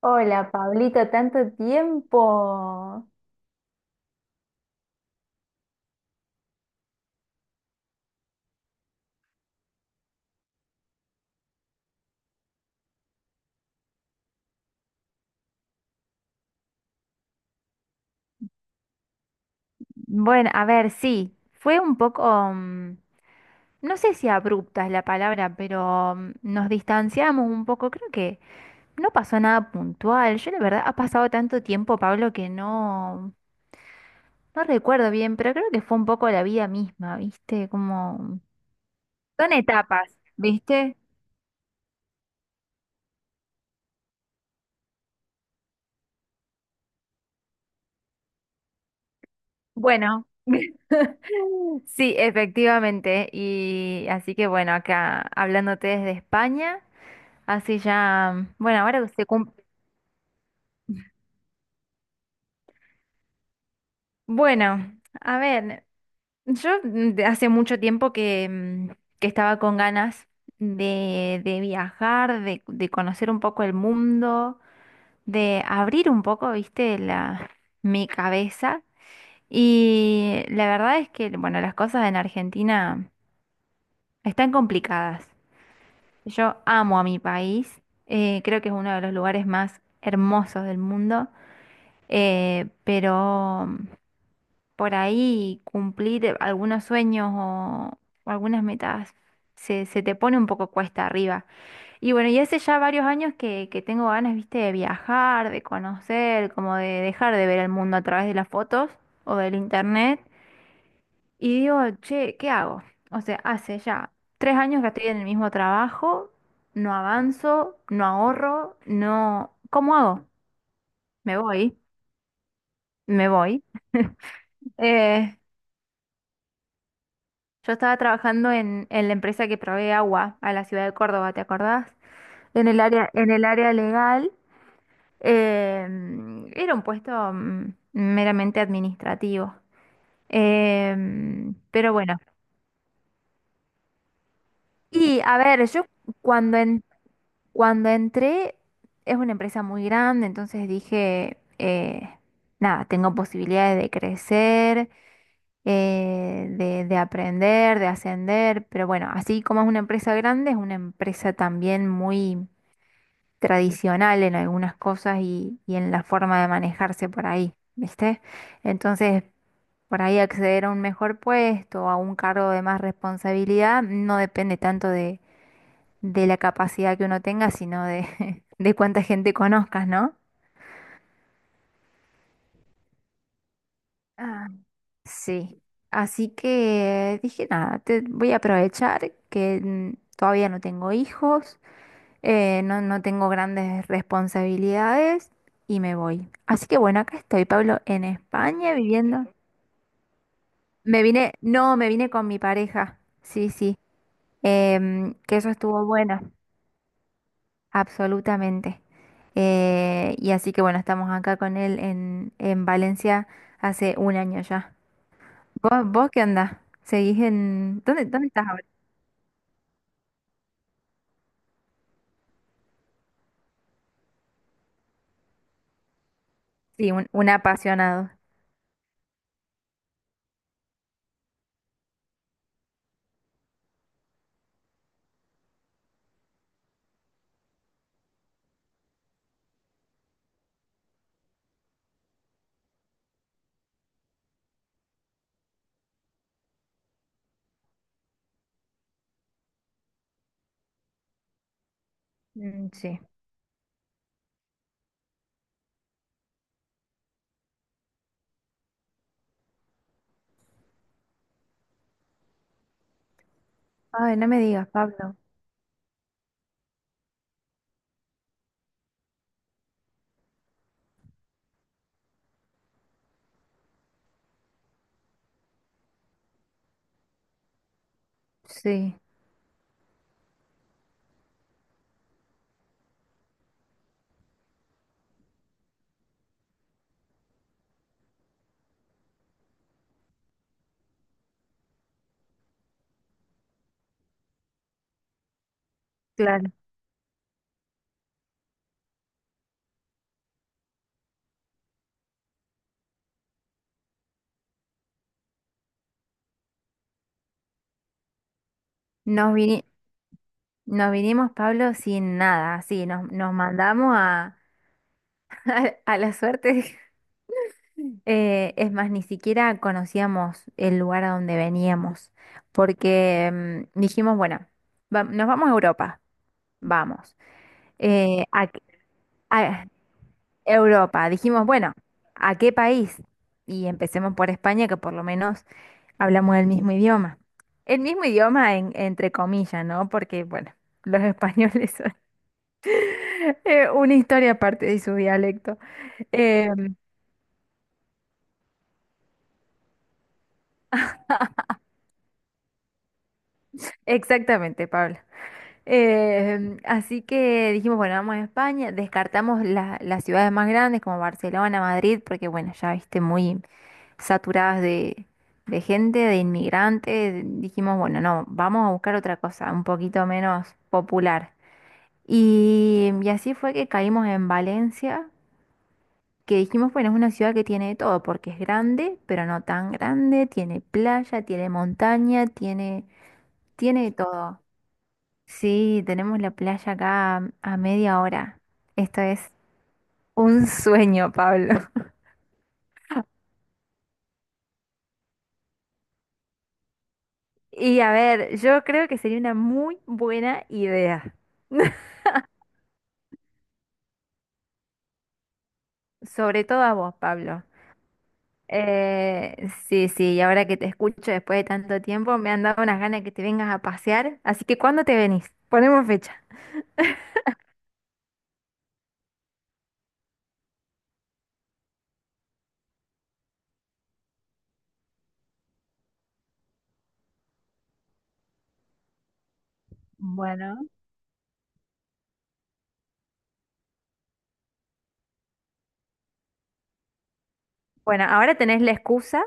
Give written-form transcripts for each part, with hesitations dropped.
Hola, Pablito, tanto tiempo. Bueno, a ver, sí, fue un poco, mm, no sé si abrupta es la palabra, pero nos distanciamos un poco, creo que no pasó nada puntual. Yo la verdad, ha pasado tanto tiempo, Pablo, que no, no recuerdo bien, pero creo que fue un poco la vida misma, ¿viste? Como... Son etapas, ¿viste? Bueno, sí, efectivamente. Y así que bueno, acá hablándote desde España. Así ya, bueno, ahora que se cumple. Bueno, a ver, yo de hace mucho tiempo que estaba con ganas de viajar, de conocer un poco el mundo, de abrir un poco, viste, la, mi cabeza. Y la verdad es que, bueno, las cosas en Argentina están complicadas. Yo amo a mi país, creo que es uno de los lugares más hermosos del mundo, pero... por ahí cumplir algunos sueños o algunas metas se te pone un poco cuesta arriba. Y bueno, y hace ya varios años que tengo ganas, viste, de viajar, de conocer, como de dejar de ver el mundo a través de las fotos o del internet. Y digo, che, ¿qué hago? O sea, hace ya 3 años que estoy en el mismo trabajo, no avanzo, no ahorro, no... ¿Cómo hago? Me voy, me voy. Eh, yo estaba trabajando en la empresa que provee agua a la ciudad de Córdoba, ¿te acordás? En el área legal, era un puesto meramente administrativo. Em, pero bueno. Y a ver, yo cuando, en- cuando entré, es una empresa muy grande, entonces dije, nada, tengo posibilidades de crecer, de aprender, de ascender, pero bueno, así como es una empresa grande, es una empresa también muy tradicional en algunas cosas y en la forma de manejarse por ahí, ¿viste? Entonces, por ahí acceder a un mejor puesto, a un cargo de más responsabilidad, no depende tanto de la capacidad que uno tenga, sino de, de cuánta gente conozcas, ¿no? Sí, así que dije, nada, te voy a aprovechar que todavía no tengo hijos, no tengo grandes responsabilidades y me voy. Así que bueno, acá estoy, Pablo, en España viviendo. Me vine, no, Me vine con mi pareja, sí, sí, que eso estuvo bueno, absolutamente. Y así que bueno, estamos acá con él en Valencia hace 1 año ya. ¿Vos qué andás? ¿Seguís en... ¿Dónde, dónde estás ahora? Sí, un apasionado. Mm, sí. Ay, no me digas, Pablo. Sí, claro. Nos vini- Nos vinimos, Pablo, sin nada. Así, nos mandamos a, a la suerte. Es más, ni siquiera conocíamos el lugar a donde veníamos. Porque dijimos, bueno, nos vamos a Europa. Vamos. Eh, a, a Europa. Dijimos, bueno, ¿a qué país? Y empecemos por España, que por lo menos hablamos el mismo idioma. Entre comillas, ¿no? Porque, bueno, los españoles son una historia aparte de su dialecto. Eh, exactamente, Pablo. Así que dijimos, bueno, vamos a España, descartamos las ciudades más grandes como Barcelona, Madrid, porque, bueno, ya viste, muy saturadas de gente, de inmigrantes. Dijimos, bueno, no, vamos a buscar otra cosa, un poquito menos popular. Y así fue que caímos en Valencia, que dijimos, bueno, es una ciudad que tiene de todo, porque es grande, pero no tan grande, tiene playa, tiene montaña, tiene, tiene de todo. Sí, tenemos la playa acá a media hora. Esto es un sueño, Pablo. Y a ver, yo creo que sería una muy buena idea. Sobre todo a vos, Pablo. Sí, sí, y ahora que te escucho después de tanto tiempo, me han dado unas ganas de que te vengas a pasear. Así que, ¿cuándo te venís? Ponemos fecha. Bueno. Bueno, ahora tenés la excusa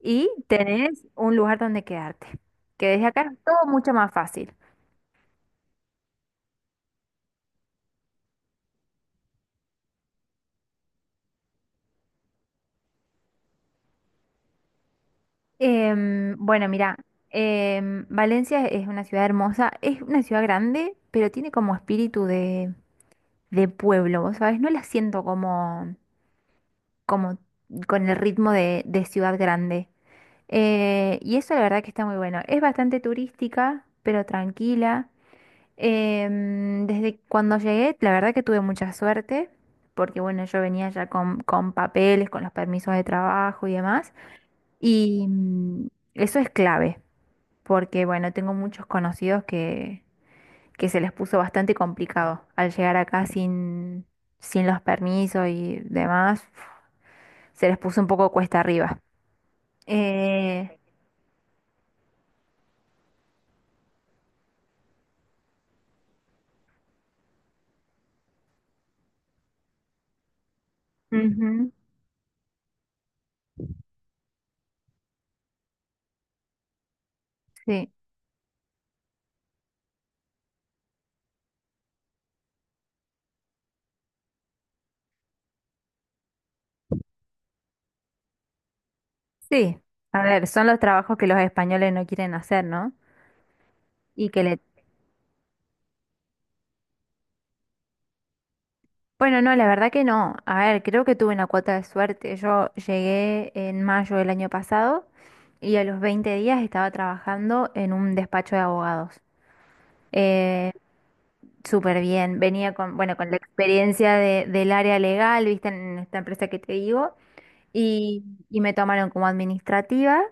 y tenés un lugar donde quedarte, que desde acá es todo mucho más fácil. Em, bueno, mira, em, Valencia es una ciudad hermosa, es una ciudad grande, pero tiene como espíritu de pueblo, ¿vos sabés? No la siento como, como con el ritmo de ciudad grande. Y eso la verdad que está muy bueno. Es bastante turística, pero tranquila. Em, desde cuando llegué, la verdad que tuve mucha suerte, porque bueno, yo venía ya con papeles, con los permisos de trabajo y demás, y eso es clave, porque bueno, tengo muchos conocidos que se les puso bastante complicado al llegar acá sin, sin los permisos y demás, se les puso un poco cuesta arriba. Eh, ujú, sí, sí, a ver, son los trabajos que los españoles no quieren hacer, ¿no? Y que le bueno, no, la verdad que no. A ver, creo que tuve una cuota de suerte. Yo llegué en mayo del año pasado y a los 20 días estaba trabajando en un despacho de abogados. Eh, súper bien. Venía con, bueno, con la experiencia del área legal, viste, en esta empresa que te digo, y, y me tomaron como administrativa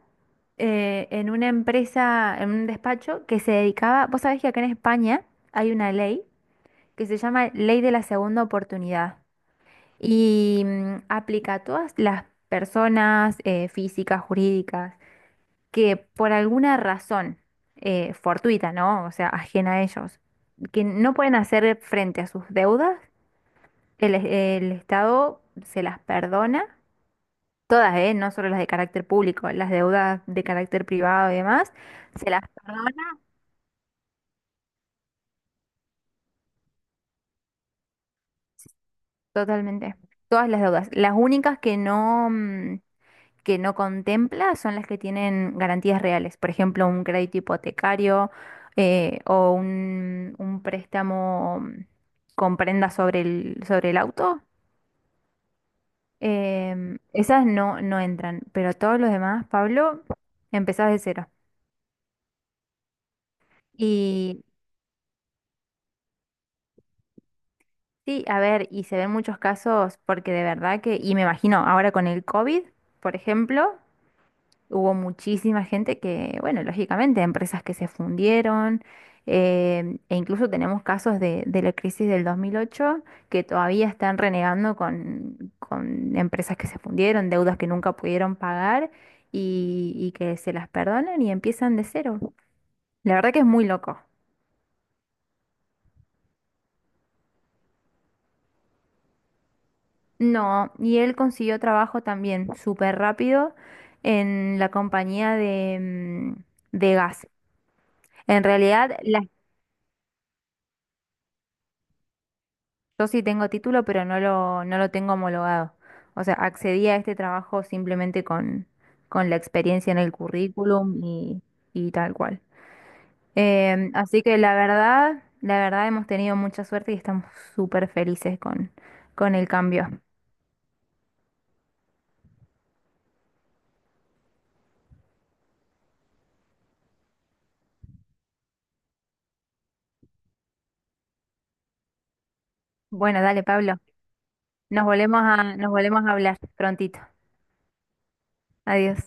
en una empresa, en un despacho que se dedicaba, vos sabés que acá en España hay una ley que se llama Ley de la Segunda Oportunidad y aplica a todas las personas físicas, jurídicas, que por alguna razón fortuita, ¿no? O sea, ajena a ellos, que no pueden hacer frente a sus deudas, el Estado se las perdona. Todas, ¿eh? No solo las de carácter público, las deudas de carácter privado y demás, se las perdona totalmente. Todas las deudas. Las únicas que no, que no contempla son las que tienen garantías reales, por ejemplo, un crédito hipotecario o un préstamo con prenda sobre el auto. Em, esas no, no entran, pero todos los demás, Pablo, empezás de cero. Y sí, a ver, y se ven muchos casos porque de verdad que, y me imagino ahora con el COVID, por ejemplo, hubo muchísima gente que, bueno, lógicamente, empresas que se fundieron, em, e incluso tenemos casos de la crisis del 2008 que todavía están renegando con empresas que se fundieron, deudas que nunca pudieron pagar y que se las perdonan y empiezan de cero. La verdad que es muy loco. No, y él consiguió trabajo también súper rápido en la compañía de, de gas. En realidad, la yo sí tengo título, pero no lo, no lo tengo homologado. O sea, accedí a este trabajo simplemente con la experiencia en el currículum y tal cual. Em, así que la verdad hemos tenido mucha suerte y estamos súper felices con el cambio. Bueno, dale, Pablo. Nos volvemos a hablar prontito. Adiós.